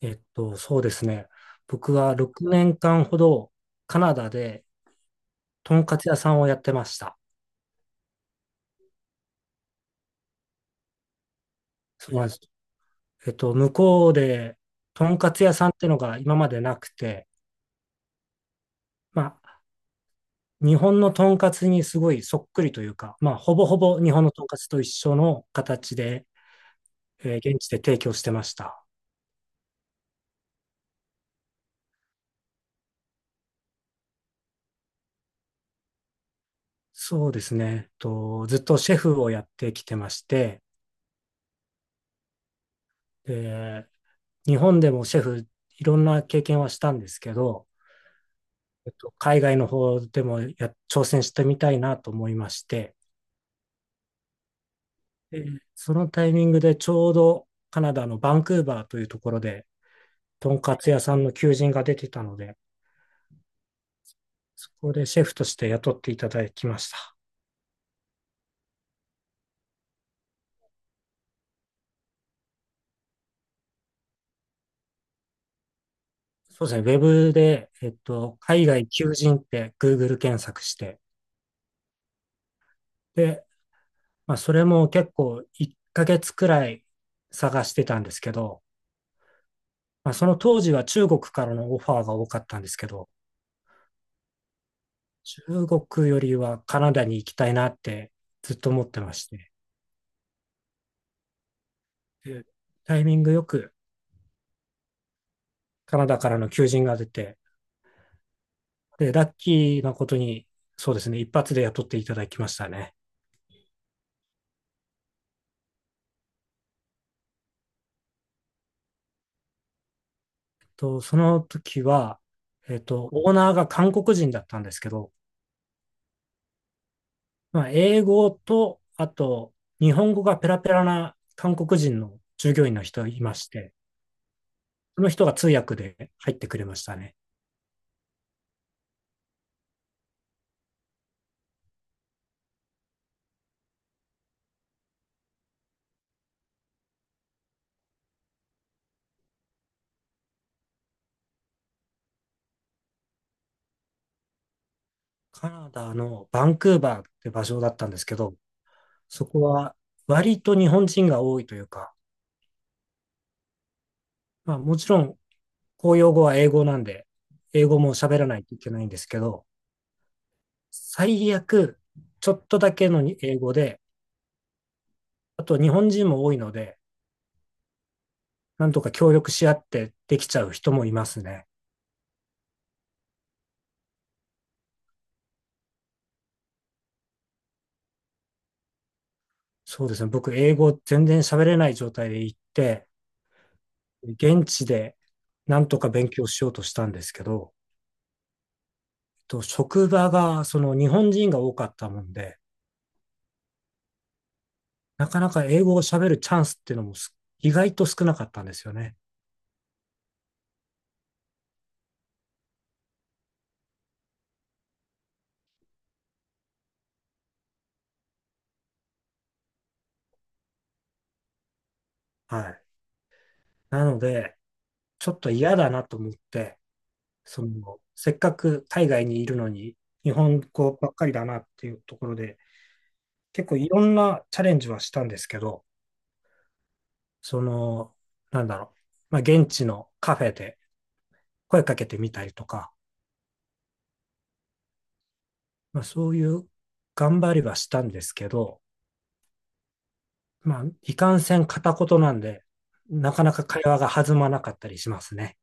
そうですね。僕は6年間ほどカナダでとんかつ屋さんをやってました。そうなんです。向こうでとんかつ屋さんってのが今までなくて、まあ、日本のとんかつにすごいそっくりというか、まあ、ほぼほぼ日本のとんかつと一緒の形で、現地で提供してました。そうですね。ずっとシェフをやってきてまして、で日本でもシェフいろんな経験はしたんですけど、海外の方でも挑戦してみたいなと思いまして、でそのタイミングでちょうどカナダのバンクーバーというところで、とんかつ屋さんの求人が出てたので、そこでシェフとして雇っていただきました。そうですね、ウェブで、海外求人って Google 検索して、で、まあ、それも結構1ヶ月くらい探してたんですけど、まあ、その当時は中国からのオファーが多かったんですけど、中国よりはカナダに行きたいなってずっと思ってまして、でタイミングよくカナダからの求人が出て、で、ラッキーなことに、そうですね、一発で雇っていただきましたね。と、その時は、オーナーが韓国人だったんですけど、まあ、英語と、あと、日本語がペラペラな韓国人の従業員の人がいまして、その人が通訳で入ってくれましたね。カナダのバンクーバーって場所だったんですけど、そこは割と日本人が多いというか、まあもちろん公用語は英語なんで、英語も喋らないといけないんですけど、最悪ちょっとだけの英語で、あと日本人も多いので、なんとか協力し合ってできちゃう人もいますね。そうですね。僕、英語全然喋れない状態で行って、現地でなんとか勉強しようとしたんですけど、職場がその日本人が多かったもんで、なかなか英語を喋るチャンスっていうのも意外と少なかったんですよね。はい。なので、ちょっと嫌だなと思って、その、せっかく海外にいるのに、日本語ばっかりだなっていうところで、結構いろんなチャレンジはしたんですけど、その、なんだろう、まあ、現地のカフェで声かけてみたりとか、まあ、そういう頑張りはしたんですけど、まあ、いかんせん片言なんで、なかなか会話が弾まなかったりしますね。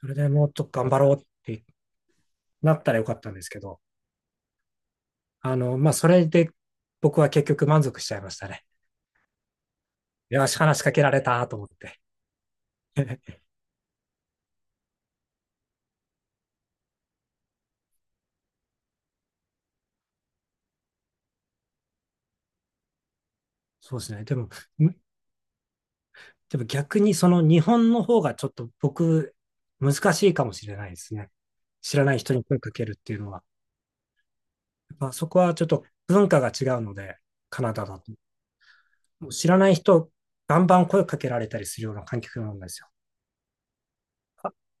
それでもっと頑張ろうってなったらよかったんですけど、あの、まあ、それで僕は結局満足しちゃいましたね。よし、話しかけられたと思って。そうですね。でも逆にその日本の方がちょっと僕、難しいかもしれないですね。知らない人に声かけるっていうのは。やっぱそこはちょっと文化が違うので、カナダだと。もう知らない人、バンバン声かけられたりするような環境なんですよ。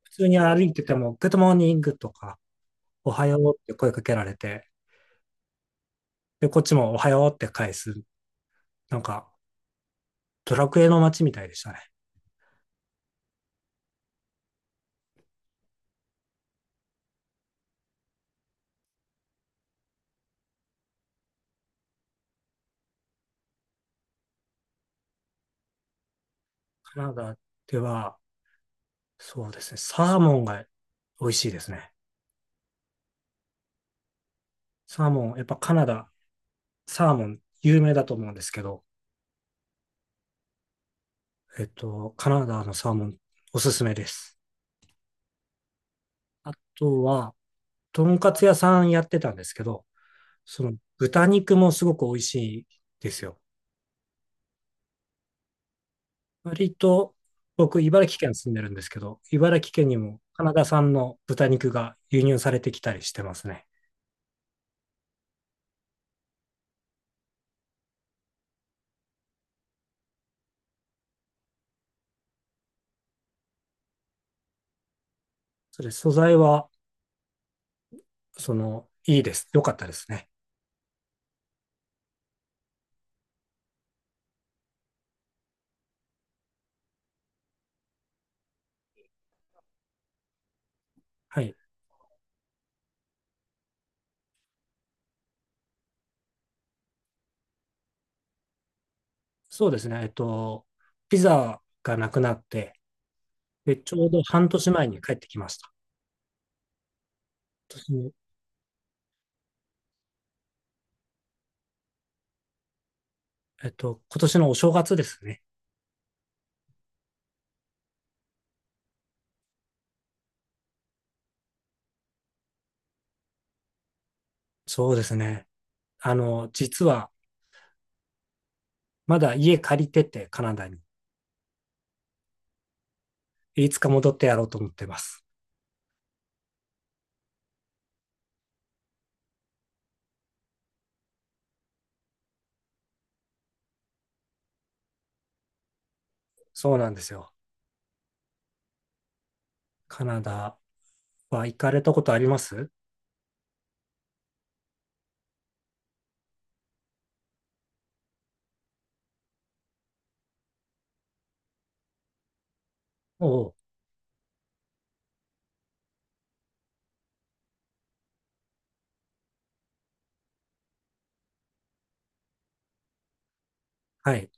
普通に歩いてても、グッドモーニングとか、おはようって声かけられて、で、こっちもおはようって返す。なんか、ドラクエの街みたいでしたね。カナダでは、そうですね、サーモンが美味しいですね。サーモン、やっぱカナダ、サーモン有名だと思うんですけど、カナダのサーモンおすすめです。あとは、とんかつ屋さんやってたんですけど、その豚肉もすごく美味しいですよ。割と、僕、茨城県住んでるんですけど、茨城県にもカナダ産の豚肉が輸入されてきたりしてますね。そうです。素材は、その、いいです。良かったですね。はい。そうですね。えっと、ピザがなくなって、で、ちょうど半年前に帰ってきました。今年のえっと、今年のお正月ですね。そうですね。あの、実は、まだ家借りてて、カナダに。いつか戻ってやろうと思ってます。そうなんですよ。カナダは行かれたことあります？おう、はい。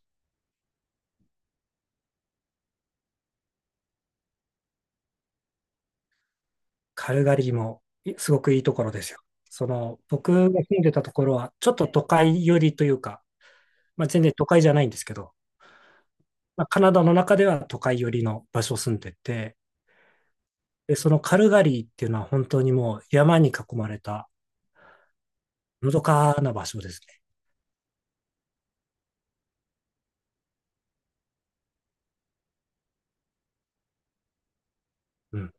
カルガリーも、すごくいいところですよ。その、僕が住んでたところは、ちょっと都会寄りというか、まあ、全然都会じゃないんですけど、まあ、カナダの中では都会寄りの場所を住んでて、で、そのカルガリーっていうのは本当にもう山に囲まれたのどかな場所ですね。うん。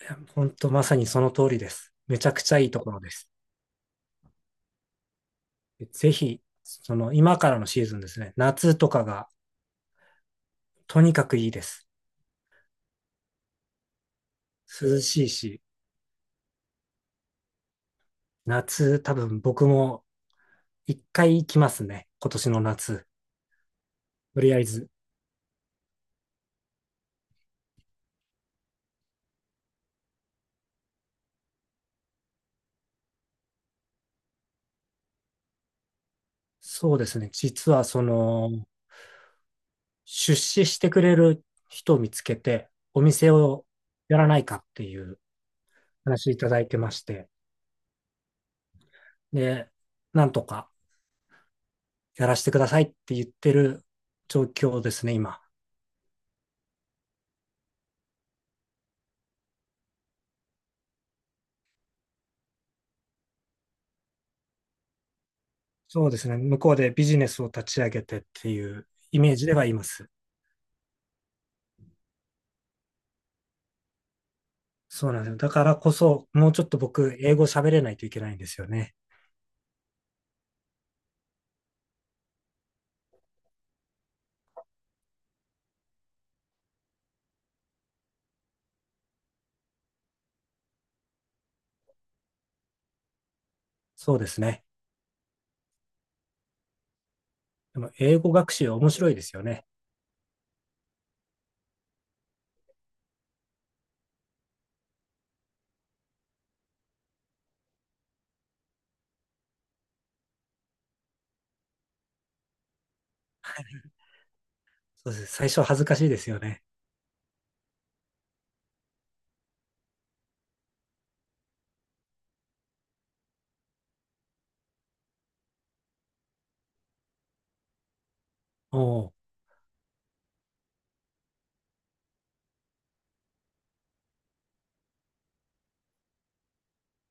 いや本当まさにその通りです。めちゃくちゃいいところです。ぜひ、その今からのシーズンですね。夏とかがとにかくいいです。涼しいし、夏多分僕も一回行きますね。今年の夏。とりあえず。そうですね。実はその、出資してくれる人を見つけて、お店をやらないかっていう話いただいてまして、で、なんとかやらせてくださいって言ってる状況ですね、今。そうですね、向こうでビジネスを立ち上げてっていうイメージではいます。そうなんですよ。だからこそ、もうちょっと僕、英語喋れないといけないんですよね。そうですね。でも、英語学習面白いですよね。そうです。最初恥ずかしいですよね。おお、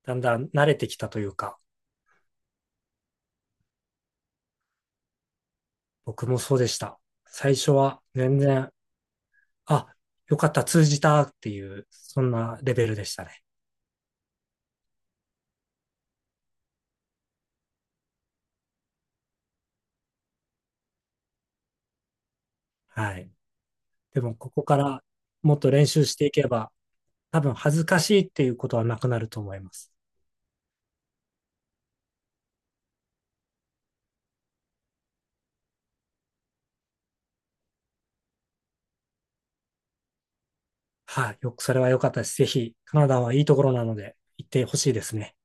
だんだん慣れてきたというか。僕もそうでした。最初は全然、あ、よかった、通じたっていう、そんなレベルでしたね。はい。でも、ここからもっと練習していけば、多分恥ずかしいっていうことはなくなると思います。はい。よく、それは良かったです。ぜひ、カナダはいいところなので、行ってほしいですね。